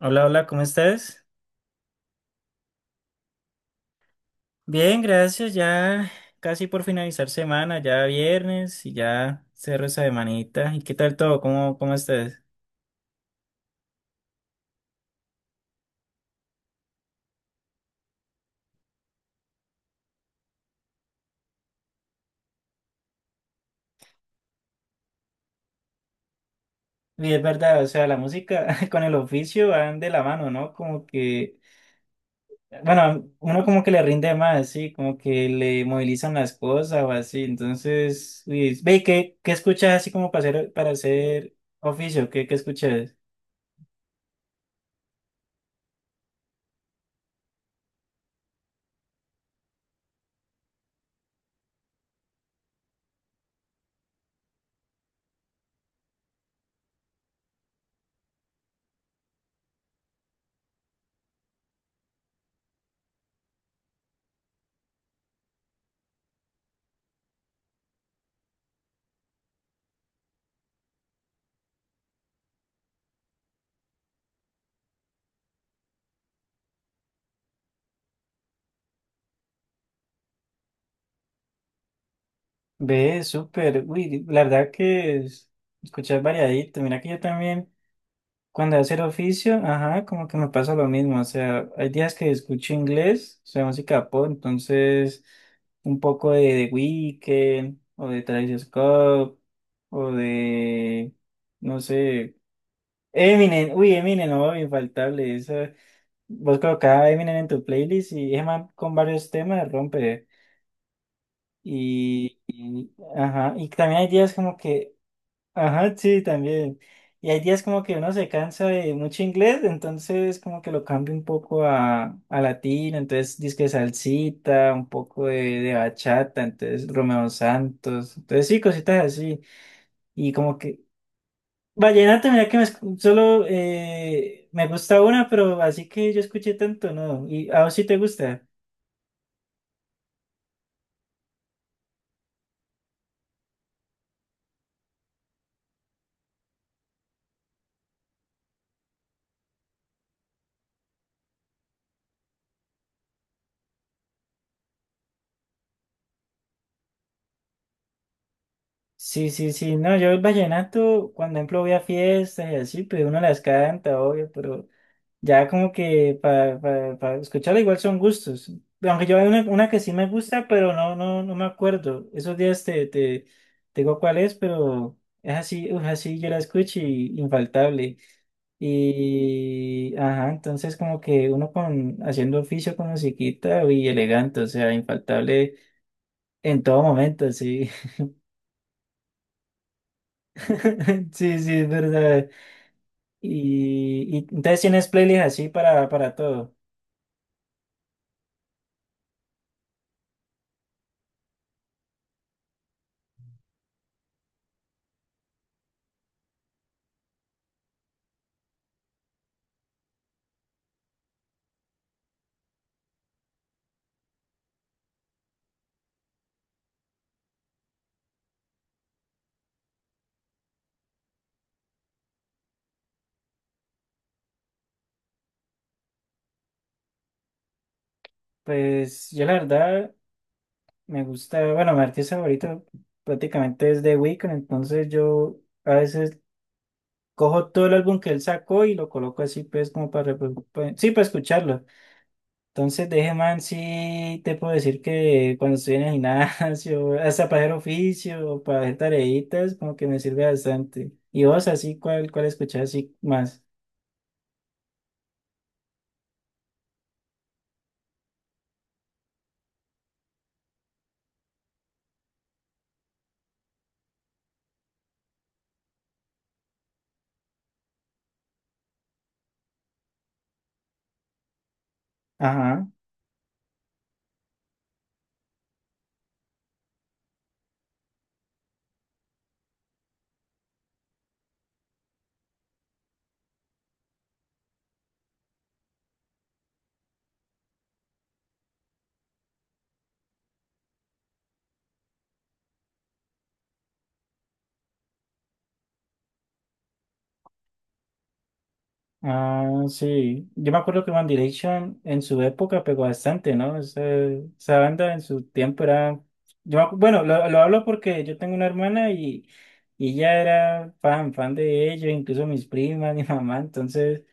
Hola, hola, ¿cómo estás? Bien, gracias. Ya casi por finalizar semana, ya viernes y ya cerro esa semanita. ¿Y qué tal todo? ¿Cómo estás? Y es verdad, o sea, la música con el oficio van de la mano, ¿no? Como que, bueno, uno como que le rinde más, sí, como que le movilizan las cosas o así. Entonces, uy, ve, ¿qué escuchas así como para hacer oficio? ¿Qué escuchas? Ve, súper, uy, la verdad que escuchas variadito. Mira que yo también. Cuando hacer oficio, ajá, como que me pasa lo mismo. O sea, hay días que escucho inglés, o sea, música pop, entonces un poco de The Weeknd o de Travis Scott o no sé, Eminem. Uy, Eminem, no, infaltable. Esa, vos colocás a Eminem en tu playlist y es más con varios temas rompe. Y, ajá, y también hay días como que ajá, sí, también. Y hay días como que uno se cansa de mucho inglés, entonces como que lo cambio un poco a latino, entonces disque salsita, un poco de bachata, entonces Romeo Santos, entonces sí, cositas así. Y como que vallenato, mira que me solo me gusta una, pero así que yo escuché tanto, ¿no? ¿Y a vos sí te gusta? Sí, sí, sí, no, yo el vallenato, cuando ejemplo voy a fiestas y así, pues uno las canta, obvio, pero... Ya como que para escucharla, igual son gustos. Aunque yo hay una que sí me gusta, pero no, no, no me acuerdo. Esos días te digo cuál es, pero es así, uf, así yo la escucho y infaltable. Y ajá, entonces como que uno con haciendo oficio con musiquita y elegante, o sea, infaltable en todo momento, sí. Sí, sí, es verdad. Y entonces tienes playlists así para todo. Pues yo la verdad. Me gusta, bueno, mi artista favorito prácticamente es The Weeknd, entonces yo a veces cojo todo el álbum que él sacó y lo coloco así, pues, como para, sí, para escucharlo. Entonces, de ese man, sí te puedo decir que cuando estoy en el gimnasio, hasta para hacer oficio o para hacer tareitas, como que me sirve bastante. ¿Y vos, así, cuál escuchás así más? Ajá. Ah, sí. Yo me acuerdo que One Direction en su época pegó bastante, ¿no? Esa banda en su tiempo era... Yo me bueno, lo hablo porque yo tengo una hermana y ella era fan, fan de ellos, incluso mis primas, mi mamá, entonces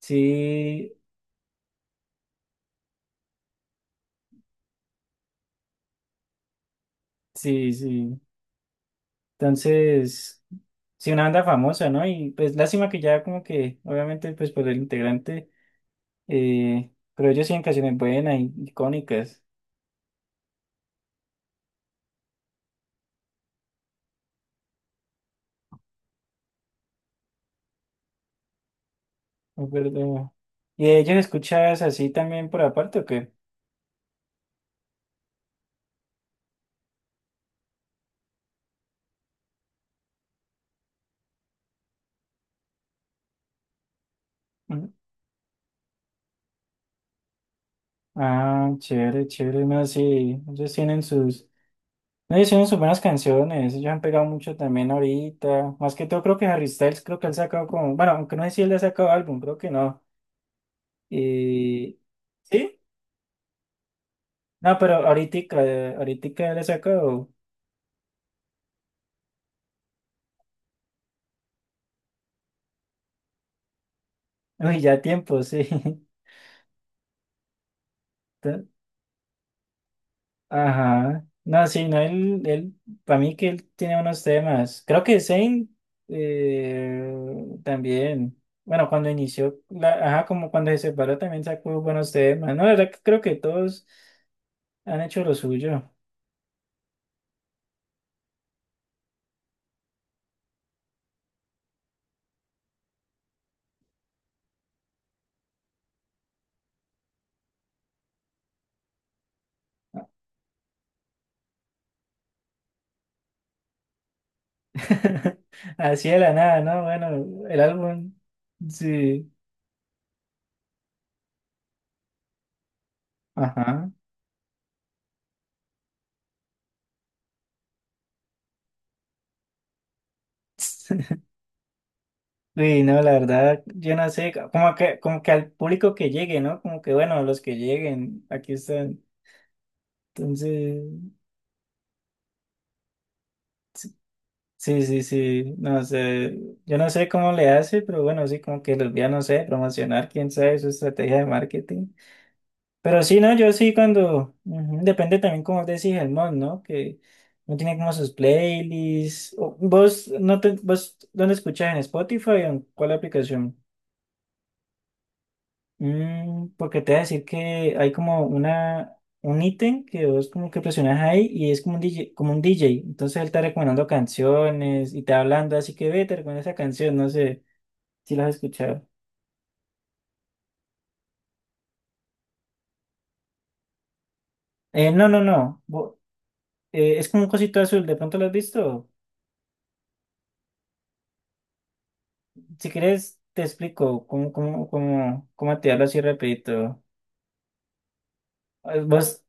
sí, sí, sí. Entonces, sí, una banda famosa, ¿no? Y pues lástima que ya como que, obviamente, pues por el integrante, pero ellos sí en canciones buenas, y icónicas. Es verdad. ¿Y de ellos escuchas así también por aparte o qué? Ujú. Ah, chévere, chévere. No, sí, ellos tienen sus, no, ellos tienen sus buenas canciones. Ellos han pegado mucho también ahorita. Más que todo, creo que Harry Styles, creo que él sacado como, bueno, aunque no sé si él ha sacado álbum, creo que no. Y, ¿sí? No, pero ahorita, ahorita él ha sacado, uy, ya tiempo, sí. Ajá. No, sí, no, él, para mí que él tiene unos temas. Creo que Zayn también, bueno, cuando inició, la, ajá, como cuando se separó también sacó buenos temas. No, la verdad que creo que todos han hecho lo suyo. Así de la nada, ¿no? Bueno, el álbum, sí, ajá. Uy, no, la verdad, yo no sé, como que al público que llegue, ¿no? Como que, bueno, los que lleguen, aquí están. Entonces... Sí, sí, sí, no sé, yo no sé cómo le hace, pero bueno, sí, como que los vía, no sé, promocionar, quién sabe, su estrategia de marketing. Pero sí, no, yo sí cuando, ujú, depende también como decís el mod, ¿no? Que no tiene como sus playlists. ¿Vos, no te, vos, dónde escuchas en Spotify o en cuál aplicación? Mm, porque te voy a decir que hay como una, un ítem que vos como que presionas ahí y es como un DJ, como un DJ. Entonces él está recomendando canciones y te va hablando, así que ve, te recomiendo esa canción, no sé si la has escuchado. No, no, no. Eh, es como un cosito azul, ¿de pronto lo has visto? Si quieres, te explico cómo activarlo así rapidito. Vos,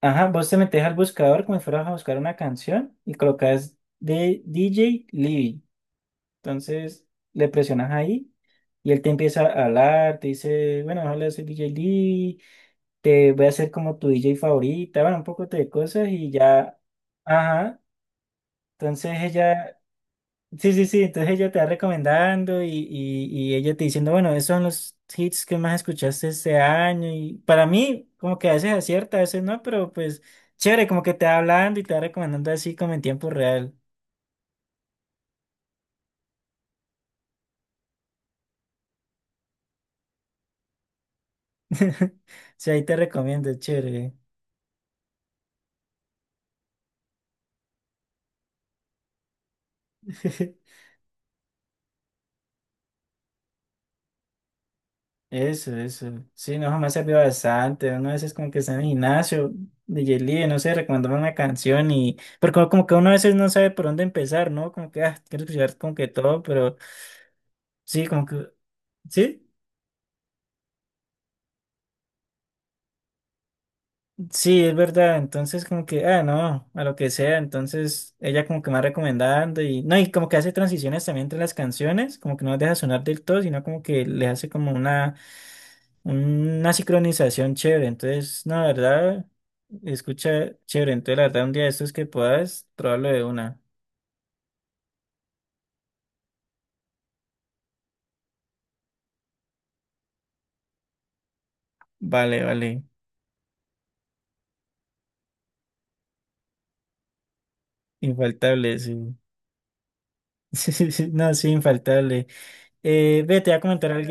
ajá, vos te metes al buscador como si fueras a buscar una canción y colocas de DJ Libby. Entonces le presionas ahí y él te empieza a hablar, te dice, bueno, hola, soy DJ Lee, te voy a hacer como tu DJ favorita, bueno, un poco de cosas y ya, ajá, entonces ella, sí, sí, sí, entonces ella te va recomendando y ella te diciendo, bueno, esos son los hits que más escuchaste este año y para mí como que a veces acierta, a veces no, pero pues chévere, como que te va hablando y te va recomendando así como en tiempo real. O sea, ahí te recomiendo, chévere. Eso, eso. Sí, no, jamás ha servido bastante. Uno a veces como que está en el gimnasio de Yelí, no sé, recomendame una canción y... Pero como, como que uno a veces no sabe por dónde empezar, ¿no? Como que, ah, quiero escuchar como que todo, pero sí, como que... ¿Sí? Sí, es verdad. Entonces, como que, ah, no, a lo que sea. Entonces, ella como que me va recomendando y, no, y como que hace transiciones también entre las canciones, como que no las deja sonar del todo, sino como que le hace como una sincronización chévere. Entonces, no, la verdad, escucha chévere. Entonces, la verdad, un día de estos que puedas, probarlo de una. Vale, vale. Infaltable, sí. Sí, sí, sí. No, sí, infaltable. Ve, te voy a comentar algo.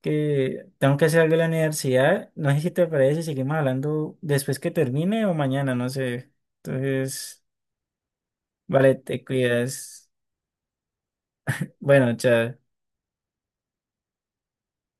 Que tengo que hacer algo en la universidad. No sé si te parece, seguimos hablando después que termine o mañana, no sé. Entonces, vale, te cuidas. Bueno, chao.